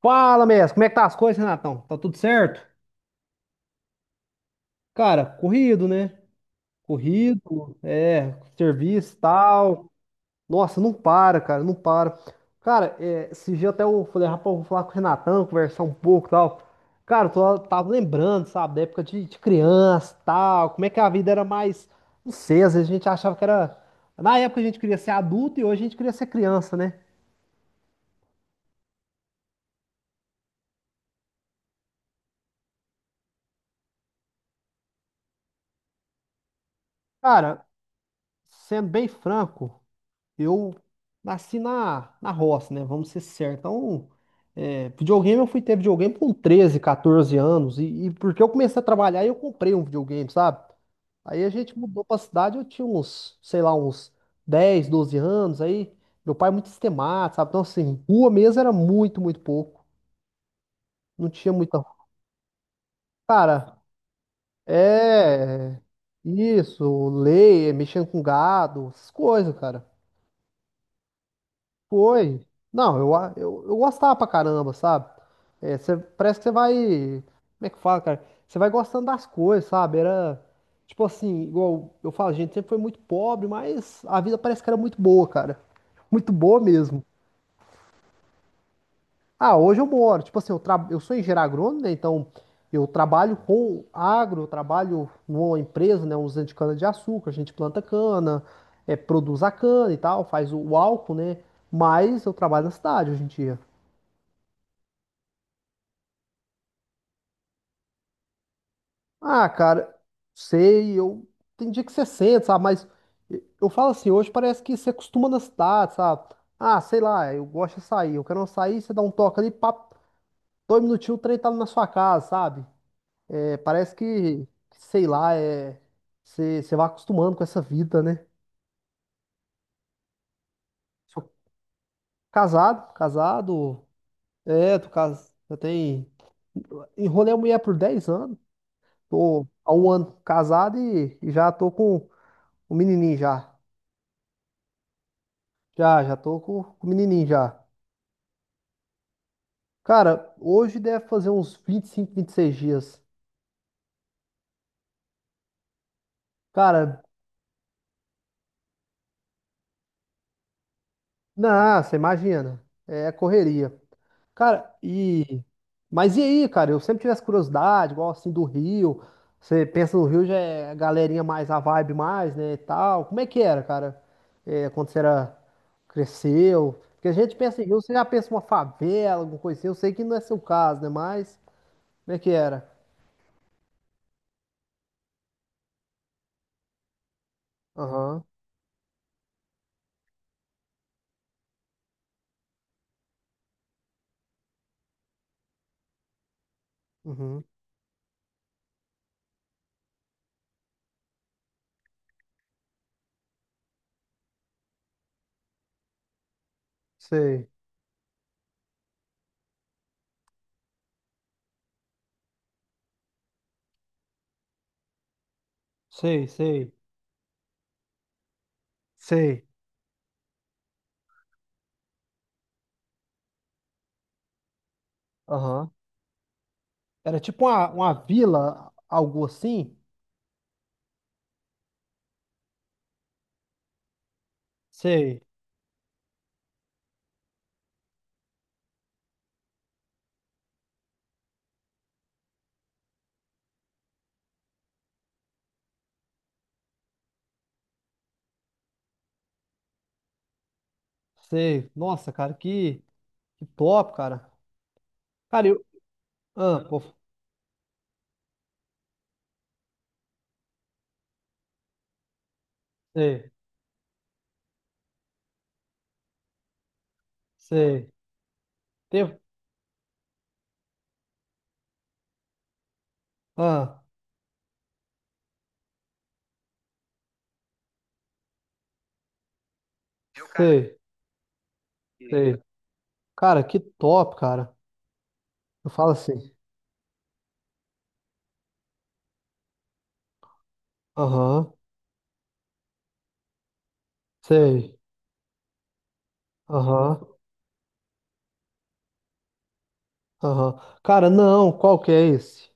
Fala, mestre, como é que tá as coisas, Renatão? Tá tudo certo? Cara, corrido, né? Corrido, é, serviço, tal. Nossa, não para, cara, não para. Cara, é, esse dia até eu falei, rapaz, eu vou falar com o Renatão, conversar um pouco, tal. Cara, eu tava lembrando, sabe, da época de criança, tal, como é que a vida era mais, não sei, às vezes a gente achava que era... Na época a gente queria ser adulto e hoje a gente queria ser criança, né? Cara, sendo bem franco, eu nasci na roça, né? Vamos ser sérios. Então, é, videogame, eu fui ter videogame com 13, 14 anos. E porque eu comecei a trabalhar, eu comprei um videogame, sabe? Aí a gente mudou pra cidade, eu tinha uns, sei lá, uns 10, 12 anos. Aí meu pai é muito sistemático, sabe? Então, assim, rua mesmo era muito, muito pouco. Não tinha muita. Cara, é. Isso, lei, mexendo com gado, essas coisas, cara. Foi. Não, eu gostava pra caramba, sabe? É, parece que você vai. Como é que fala, cara? Você vai gostando das coisas, sabe? Era. Tipo assim, igual eu falo, a gente sempre foi muito pobre, mas a vida parece que era muito boa, cara. Muito boa mesmo. Ah, hoje eu moro. Tipo assim, eu sou engenheiro agrônomo, né? Então eu trabalho com agro, eu trabalho numa empresa, né? Usando de cana-de-açúcar, a gente planta cana, é, produz a cana e tal, faz o álcool, né? Mas eu trabalho na cidade hoje em dia. Ah, cara, sei, eu tem dia que você sente, sabe? Mas eu falo assim, hoje parece que você acostuma na cidade, sabe? Ah, sei lá, eu gosto de sair, eu quero uma sair, você dá um toque ali, papo, dois minutinhos, o trem tá na sua casa, sabe? É, parece que, sei lá, é, você vai acostumando com essa vida, né? Sou casado, casado, é, tô casado, eu tenho, enrolei a mulher por 10 anos, tô há um ano casado e já tô com o menininho já. Já, já tô com o menininho já. Cara, hoje deve fazer uns 20 25 26 dias. Cara, não, você imagina. É correria. Cara, e. Mas e aí, cara? Eu sempre tive essa curiosidade, igual assim do Rio. Você pensa no Rio, já é a galerinha mais, a vibe mais, né? E tal. Como é que era, cara? É, quando você era. Cresceu. Porque a gente pensa em Rio, você já pensa uma favela, alguma coisa assim. Eu sei que não é seu caso, né? Mas. Como é que era? Aham. Uhum. Sei. Sei, sei, sei. Aham. Era tipo uma vila, algo assim? Sei, sei. Nossa, cara, que, top, cara. Cara, eu. Ah, pô, sei, sei. Teve. Ah, sei, sei. Cara, que top, cara. Eu falo assim. Aham, sei. Aham, aham. Cara, não, qual que é esse?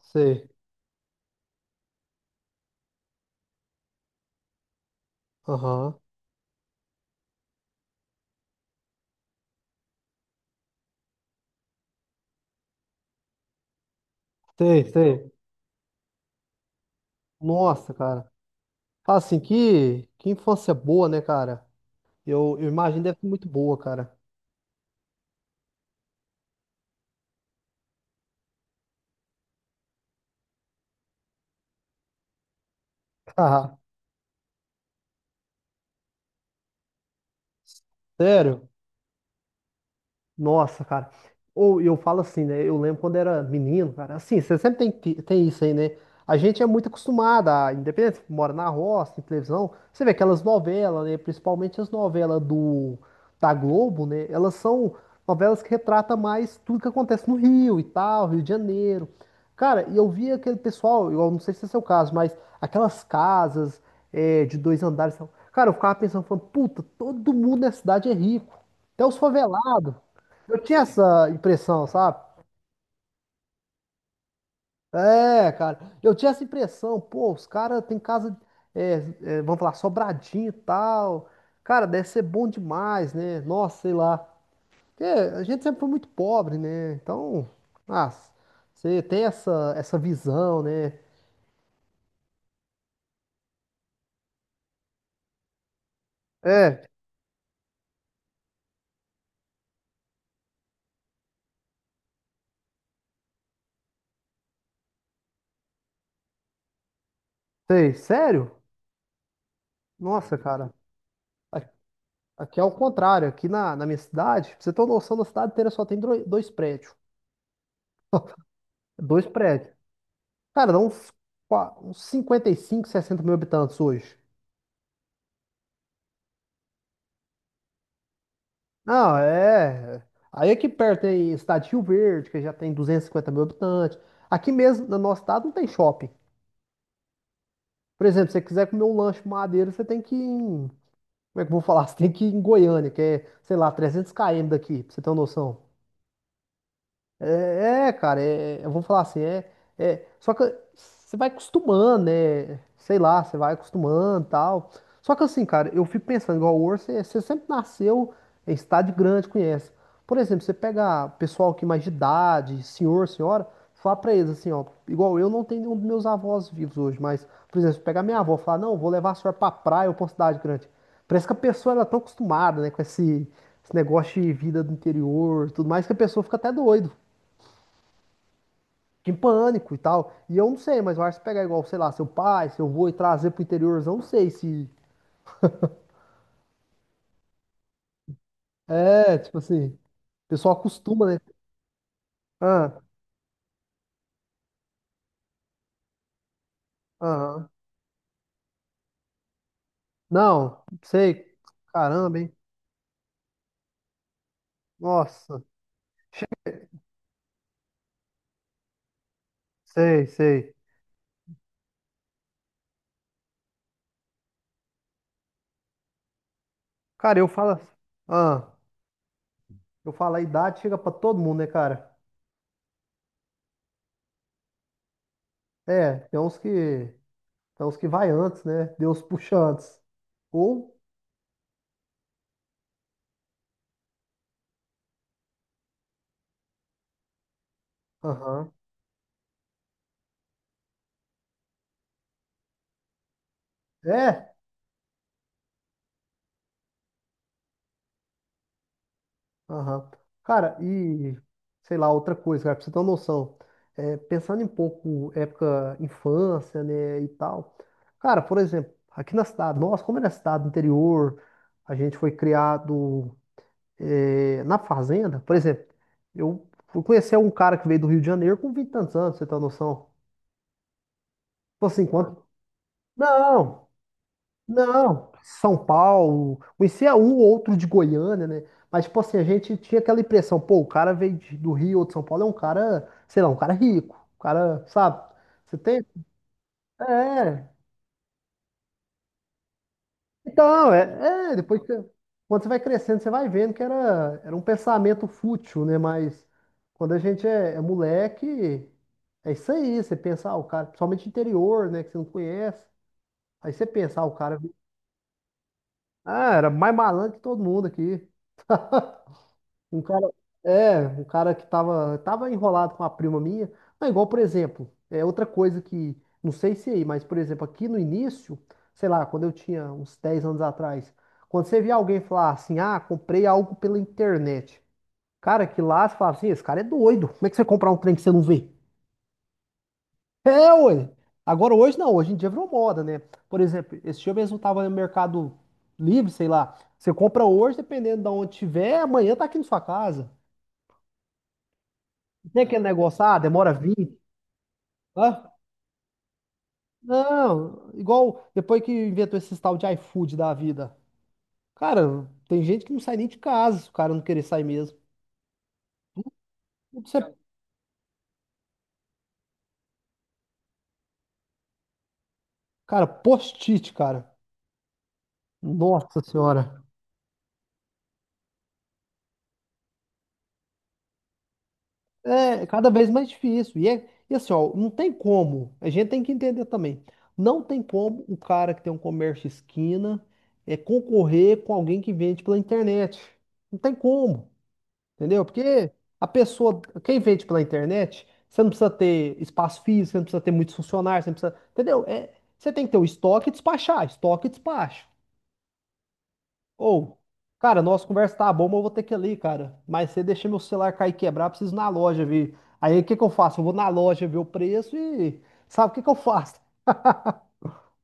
Sei, aham, sei, sei. Nossa, cara. Fala assim, que infância boa, né, cara? Eu imagino deve ser muito boa, cara. Haha, sério? Nossa, cara. Ou eu falo assim, né? Eu lembro quando era menino, cara. Assim, você sempre tem isso aí, né? A gente é muito acostumado, a, independente, mora na roça, em televisão. Você vê aquelas novelas, né? Principalmente as novelas da Globo, né? Elas são novelas que retratam mais tudo que acontece no Rio e tal, Rio de Janeiro. Cara, e eu via aquele pessoal, eu não sei se é seu caso, mas aquelas casas é, de dois andares. Cara, eu ficava pensando, falando, puta, todo mundo na cidade é rico. Até os favelados. Eu tinha essa impressão, sabe? É, cara. Eu tinha essa impressão, pô, os caras têm casa, é, é, vamos falar, sobradinho e tal. Cara, deve ser bom demais, né? Nossa, sei lá. Porque a gente sempre foi muito pobre, né? Então, ah, você tem essa visão, né? É, sei, sério? Nossa, cara. A- Aqui é o contrário. Aqui na minha cidade, pra você ter uma noção, na cidade inteira só tem dois prédios. Dois prédios. Cara, dá uns 55, 60 mil habitantes hoje. Não, é. Aí aqui perto tem estado de Rio Verde, que já tem 250 mil habitantes. Aqui mesmo, no nosso estado, não tem shopping. Por exemplo, se você quiser comer um lanche madeira, você tem que ir em... Como é que eu vou falar? Você tem que ir em Goiânia, que é, sei lá, 300 km daqui, pra você ter uma noção. É, é, cara, eu vou falar assim, é, é, só que você vai acostumando, né? Sei lá, você vai acostumando e tal. Só que assim, cara, eu fico pensando, igual o Orso, você sempre nasceu em cidade grande, conhece. Por exemplo, você pega pessoal que é mais de idade, senhor, senhora, fala pra eles assim, ó, igual eu não tenho nenhum dos meus avós vivos hoje, mas, por exemplo, se pegar minha avó e falar, não, vou levar a senhora pra praia ou pra uma cidade grande. Parece que a pessoa ela é tão acostumada, né, com esse negócio de vida do interior, e tudo mais, que a pessoa fica até doido. Fica em pânico e tal. E eu não sei, mas eu acho que se pegar igual, sei lá, seu pai, seu avô e trazer pro interiorzão, não sei se. É, tipo assim, o pessoal acostuma, né? Ah, ah, não, sei. Caramba, hein? Nossa, sei, sei. Cara, eu falo. Ah, eu falo, a idade chega pra todo mundo, né, cara? É, tem uns que. Tem uns que vai antes, né? Deus puxa antes. Ou. Aham. É, aham. Cara, e sei lá, outra coisa, cara, pra você ter uma noção, é, pensando em pouco época infância, né, e tal. Cara, por exemplo, aqui na cidade, nossa, como é na cidade do interior, a gente foi criado é, na fazenda, por exemplo, eu fui conhecer um cara que veio do Rio de Janeiro com 20 e tantos anos, pra você tem uma noção? Tipo assim, quanto. Não! Não, São Paulo, conhecia um ou outro de Goiânia, né? Mas, tipo assim, a gente tinha aquela impressão, pô, o cara veio do Rio ou de São Paulo, é um cara, sei lá, um cara rico, um cara, sabe? Você tem? É. Então, é, é, depois que, quando você vai crescendo, você vai vendo que era um pensamento fútil, né? Mas quando a gente é moleque, é isso aí, você pensa, ah, o cara, principalmente interior, né, que você não conhece, aí você pensa, ah, o cara, ah, era mais malandro que todo mundo aqui. Um cara, é, um cara que tava enrolado com a prima minha. Não, igual, por exemplo, é outra coisa que, não sei se é aí, mas, por exemplo, aqui no início, sei lá, quando eu tinha uns 10 anos atrás, quando você via alguém falar assim, ah, comprei algo pela internet. Cara, que lá você falava assim, esse cara é doido. Como é que você vai comprar um trem que você não vê? É, ué. Agora, hoje não, hoje em dia virou moda, né? Por exemplo, esse dia mesmo eu tava no Mercado Livre, sei lá. Você compra hoje, dependendo de onde tiver, amanhã tá aqui na sua casa. Tem aquele negócio, ah, demora 20. Hã? Não, igual depois que inventou esse tal de iFood da vida. Cara, tem gente que não sai nem de casa, se o cara não querer sair mesmo. Isso é, cara, post-it, cara. Nossa senhora. É cada vez mais difícil. E, é, e assim, ó, não tem como. A gente tem que entender também. Não tem como o cara que tem um comércio esquina é concorrer com alguém que vende pela internet. Não tem como. Entendeu? Porque a pessoa, quem vende pela internet, você não precisa ter espaço físico, você não precisa ter muitos funcionários, você não precisa, entendeu? É, você tem que ter o estoque e despachar, estoque e despacho. Ou, cara, nossa conversa tá boa, mas eu vou ter que ir ali, cara. Mas você deixa meu celular cair e quebrar, preciso ir na loja ver. Aí o que que eu faço? Eu vou na loja ver o preço e sabe o que que eu faço?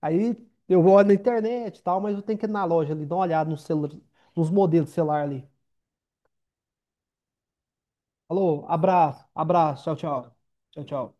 Aí eu vou na internet e tal, mas eu tenho que ir na loja ali, dar uma olhada nos modelos de celular ali. Falou, abraço, abraço, tchau, tchau. Tchau, tchau.